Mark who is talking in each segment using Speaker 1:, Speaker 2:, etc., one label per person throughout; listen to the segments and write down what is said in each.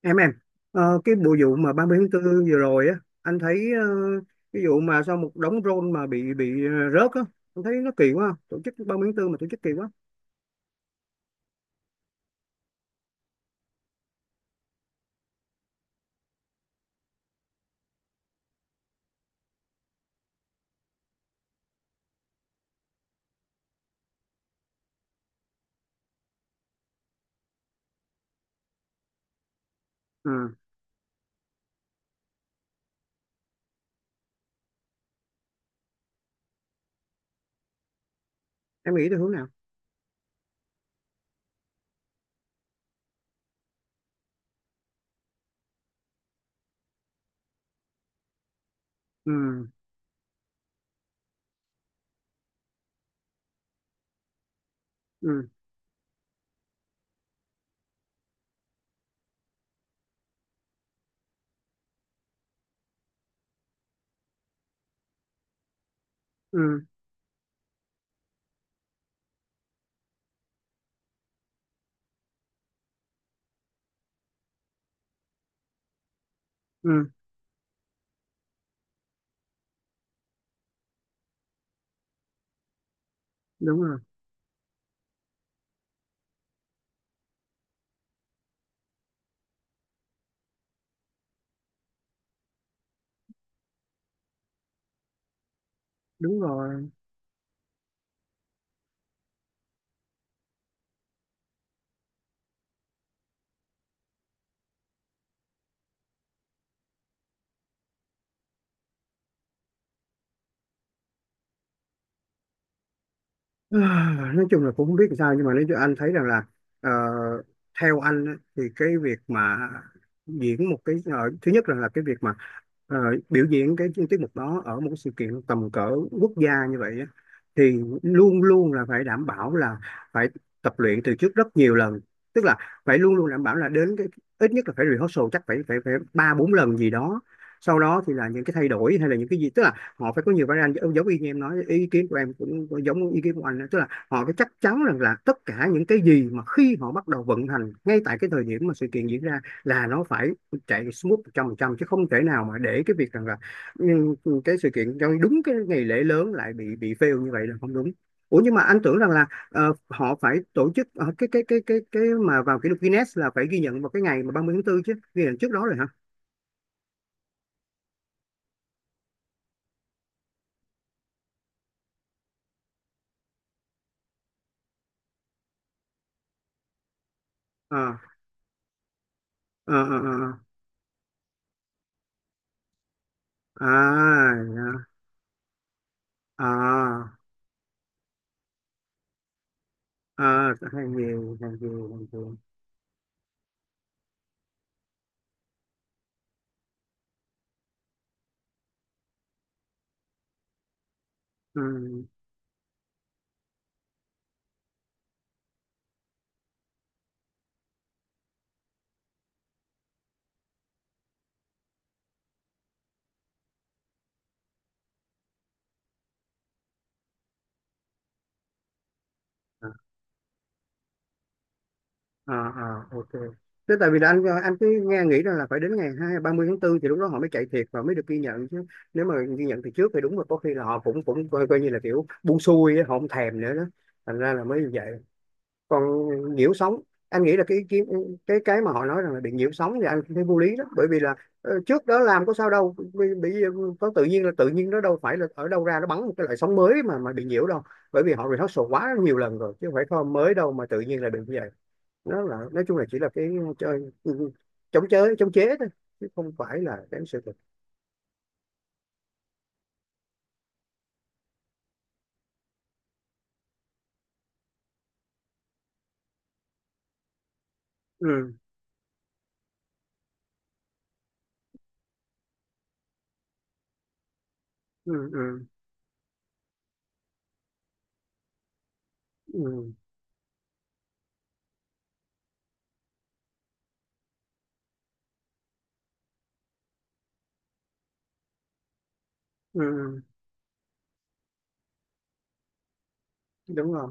Speaker 1: Em cái bộ vụ mà ba mươi tháng tư vừa rồi á. Anh thấy, cái vụ mà sau một đống drone mà bị rớt á. Anh thấy nó kỳ quá, tổ chức 30 tháng tư mà tổ chức kỳ quá. Ừ. Em nghĩ theo hướng nào? Ừ. Ừ. Ừ. Ừ. Đúng rồi. Đúng rồi. À, nói chung là cũng không biết làm sao, nhưng mà nếu cho anh thấy rằng là, ờ, theo anh á, thì cái việc mà diễn một cái, thứ nhất là, cái việc mà ờ, biểu diễn cái tiết mục đó ở một cái sự kiện tầm cỡ quốc gia như vậy á, thì luôn luôn là phải đảm bảo là phải tập luyện từ trước rất nhiều lần. Tức là phải luôn luôn đảm bảo là đến cái, ít nhất là phải rehearsal chắc phải phải phải ba bốn lần gì đó. Sau đó thì là những cái thay đổi hay là những cái gì, tức là họ phải có nhiều variant, giống giống y như em nói, ý kiến của em cũng giống ý kiến của anh đó. Tức là họ phải chắc chắn rằng là tất cả những cái gì mà khi họ bắt đầu vận hành ngay tại cái thời điểm mà sự kiện diễn ra là nó phải chạy smooth một trăm phần trăm, chứ không thể nào mà để cái việc rằng là, ừ, cái sự kiện trong đúng cái ngày lễ lớn lại bị fail như vậy là không đúng. Ủa, nhưng mà anh tưởng rằng là, họ phải tổ chức, cái mà vào kỷ lục Guinness là phải ghi nhận vào cái ngày mà 30 tháng 4, chứ ghi nhận trước đó rồi hả? Ờ, ờ, ờ, ờ. À, à, à. À, hàng gì, hàng gì, hàng gì? Ừ. À, à, à, ok. Thế tại vì là anh cứ nghe nghĩ rằng là phải đến ngày hai ba mươi tháng 4 thì lúc đó họ mới chạy thiệt và mới được ghi nhận chứ. Nếu mà ghi nhận từ trước thì đúng là có khi là họ cũng cũng coi như là kiểu buông xuôi á, họ không thèm nữa đó. Thành ra là mới như vậy. Còn nhiễu sóng, anh nghĩ là cái mà họ nói rằng là bị nhiễu sóng thì anh thấy vô lý đó, bởi vì là, trước đó làm có sao đâu, bị có tự nhiên là tự nhiên nó đâu phải là ở đâu ra nó bắn một cái loại sóng mới mà bị nhiễu đâu. Bởi vì họ rehearsal quá nhiều lần rồi chứ không phải kho mới đâu mà tự nhiên là bị như vậy. Nó là, nói chung là chỉ là cái chơi chống chế thôi, chứ không phải là cái sự thật. Ừ. Ừ. Ừ. Ừ. Ừ. Đúng rồi.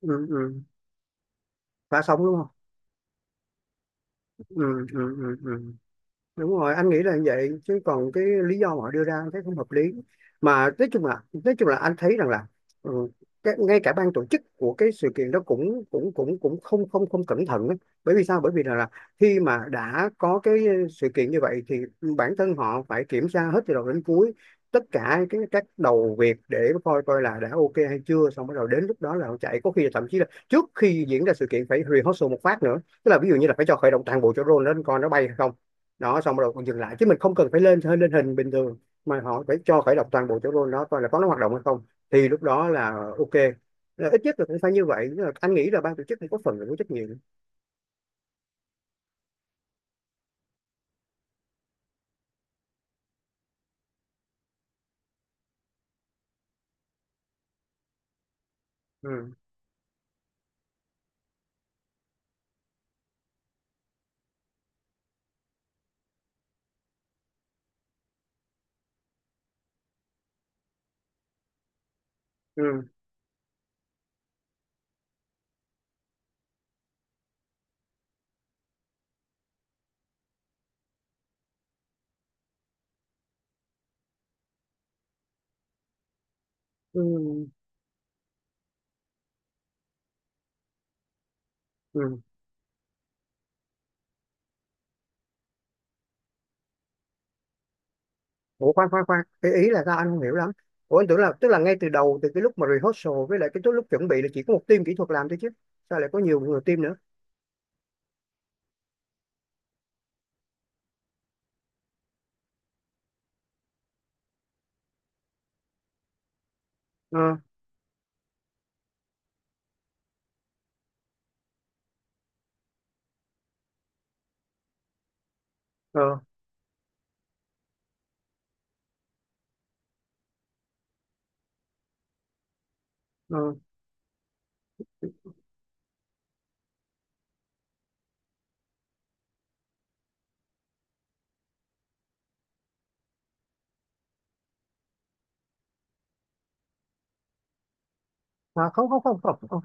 Speaker 1: Ừ. Ừ. Phá sóng đúng không? Ừ. Ừ. Ừ. Ừ. Đúng rồi. Anh nghĩ là như vậy chứ còn cái lý do mà họ đưa ra anh thấy không hợp lý. Mà nói chung là anh thấy rằng là, ừ, cái, ngay cả ban tổ chức của cái sự kiện đó cũng cũng cũng cũng không không không cẩn thận ấy. Bởi vì sao? Bởi vì là, khi mà đã có cái sự kiện như vậy thì bản thân họ phải kiểm tra hết từ đầu đến cuối. Tất cả cái các đầu việc để coi coi là đã ok hay chưa, xong bắt đầu đến lúc đó là họ chạy, có khi là thậm chí là trước khi diễn ra sự kiện phải rehearsal một phát nữa. Tức là ví dụ như là phải cho khởi động toàn bộ cho drone lên coi nó bay hay không, đó xong rồi còn dừng lại chứ mình không cần phải lên hơi lên hình bình thường. Mà họ phải cho khởi động toàn bộ chỗ rôn đó coi là có nó hoạt động hay không, thì lúc đó là ok, là ít nhất là cũng phải như vậy. Tức là anh nghĩ là ban tổ chức cũng có phần là có trách nhiệm. Ừ. Ừ. Ừ. Ừ. Ủa, khoan khoan khoan, cái ý là sao anh không hiểu lắm? Ủa, anh tưởng là tức là ngay từ đầu từ cái lúc mà rehearsal với lại cái lúc lúc chuẩn bị là chỉ có một team kỹ thuật làm thôi chứ, sao lại có nhiều người team nữa? ờ ờ ờ À, không không không không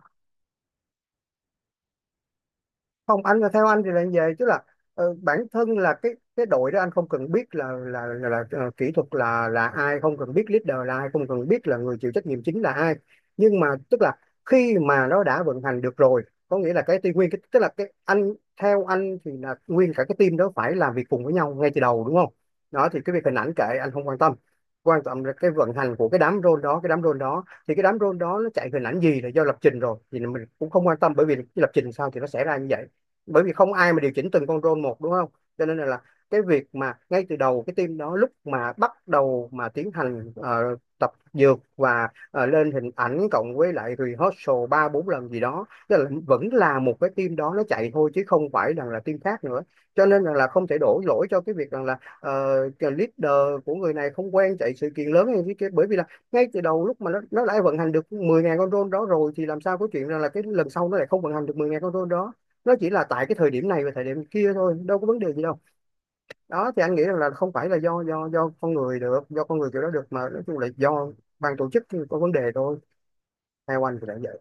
Speaker 1: không, anh là theo anh thì là như vậy chứ là, bản thân là cái đội đó anh không cần biết là kỹ thuật là ai, không cần biết leader là ai, không cần biết là người chịu trách nhiệm chính là ai. Nhưng mà tức là khi mà nó đã vận hành được rồi, có nghĩa là cái team nguyên cái, tức là cái anh, theo anh thì là nguyên cả cái team đó phải làm việc cùng với nhau ngay từ đầu đúng không? Đó thì cái việc hình ảnh kệ anh không quan tâm, quan trọng là cái vận hành của cái đám role đó, cái đám role đó thì cái đám role đó nó chạy hình ảnh gì là do lập trình rồi thì mình cũng không quan tâm, bởi vì cái lập trình sao thì nó sẽ ra như vậy. Bởi vì không ai mà điều chỉnh từng con role một đúng không? Cho nên là cái việc mà ngay từ đầu cái team đó lúc mà bắt đầu mà tiến hành tập dược và lên hình ảnh cộng với lại rehearsal ba bốn lần gì đó, tức là vẫn là một cái team đó nó chạy thôi chứ không phải rằng là team khác nữa. Cho nên rằng là không thể đổ lỗi cho cái việc rằng là, cái leader của người này không quen chạy sự kiện lớn hay cái kia, bởi vì là ngay từ đầu lúc mà nó đã vận hành được mười ngàn con drone đó rồi thì làm sao có chuyện rằng là cái lần sau nó lại không vận hành được 10.000 con drone đó. Nó chỉ là tại cái thời điểm này và thời điểm kia thôi, đâu có vấn đề gì đâu. Đó thì anh nghĩ rằng là không phải là do con người được, do con người kiểu đó được mà nói chung là do ban tổ chức có vấn đề thôi. Theo anh thì đã vậy.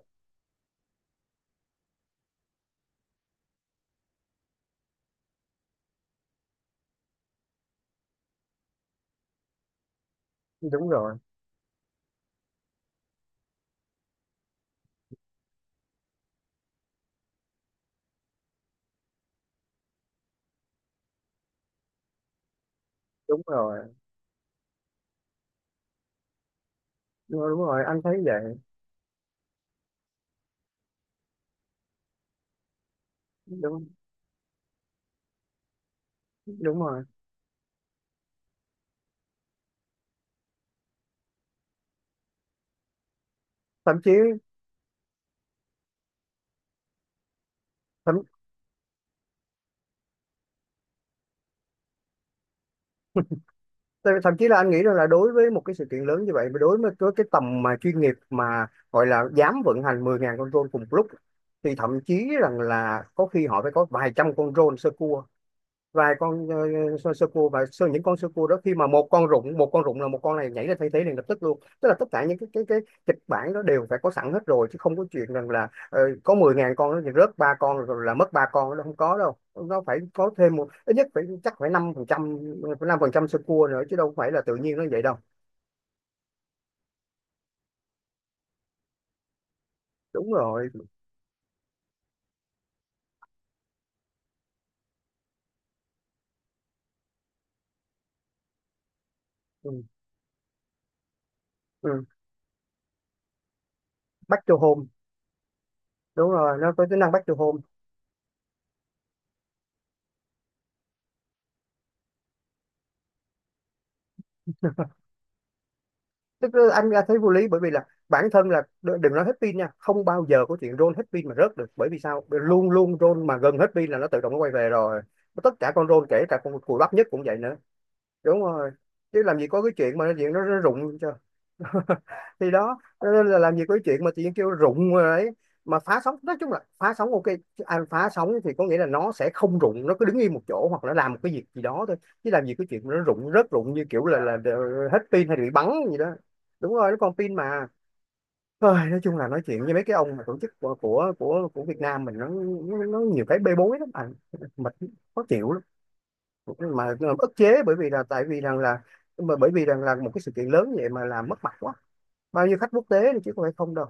Speaker 1: Đúng rồi. Đúng rồi. Đúng rồi, đúng rồi. Anh thấy vậy. Đúng. Đúng rồi. thậm chí thậm, Thậm chí là anh nghĩ rằng là đối với một cái sự kiện lớn như vậy, mà đối với cái tầm mà chuyên nghiệp mà gọi là dám vận hành 10.000 con drone cùng lúc, thì thậm chí rằng là có khi họ phải có vài trăm con drone sơ cua, vài con sơ cua và những con sơ cua đó khi mà một con rụng là một con này nhảy lên thay thế liền lập tức luôn, tức là tất cả những cái kịch bản đó đều phải có sẵn hết rồi chứ không có chuyện rằng là, có 10.000 con nó rớt ba con rồi là mất ba con, nó không có đâu, nó phải có thêm một, ít nhất phải chắc phải 5% sơ cua nữa chứ đâu phải là tự nhiên nó vậy đâu. Đúng rồi. Ừ. Ừ. Back to home. Đúng rồi, nó có tính năng back to home. Tức là anh ra thấy vô lý bởi vì là bản thân là, đừng nói hết pin nha, không bao giờ có chuyện roll hết pin mà rớt được, bởi vì sao, luôn luôn roll mà gần hết pin là nó tự động nó quay về rồi. Tất cả con roll kể cả con cùi bắp nhất cũng vậy nữa. Đúng rồi, chứ làm gì có cái chuyện mà chuyện nó rụng. Thì đó cho nên là làm gì có cái chuyện mà tự nhiên kêu rụng rồi đấy. Mà phá sóng, nói chung là phá sóng ok, anh phá sóng thì có nghĩa là nó sẽ không rụng, nó cứ đứng yên một chỗ hoặc là làm một cái việc gì đó thôi. Chứ làm gì có chuyện mà nó rụng rớt rụng như kiểu là hết pin hay bị bắn gì đó. Đúng rồi, nó còn pin mà. Ôi, nói chung là nói chuyện với mấy cái ông mà tổ chức của Việt Nam mình nó nhiều cái bê bối lắm anh. Mệt. Khó chịu lắm. Mà mà ức chế bởi vì là tại vì rằng là, mà bởi vì rằng là một cái sự kiện lớn vậy mà làm mất mặt quá, bao nhiêu khách quốc tế đi chứ không phải không đâu.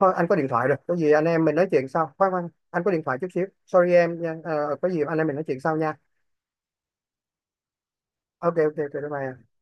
Speaker 1: Thôi anh có điện thoại rồi, có gì anh em mình nói chuyện sau. Khoan khoan, anh có điện thoại chút xíu, sorry em nha. Ờ, có gì anh em mình nói chuyện sau nha. Ok, ok, ok, bye bye.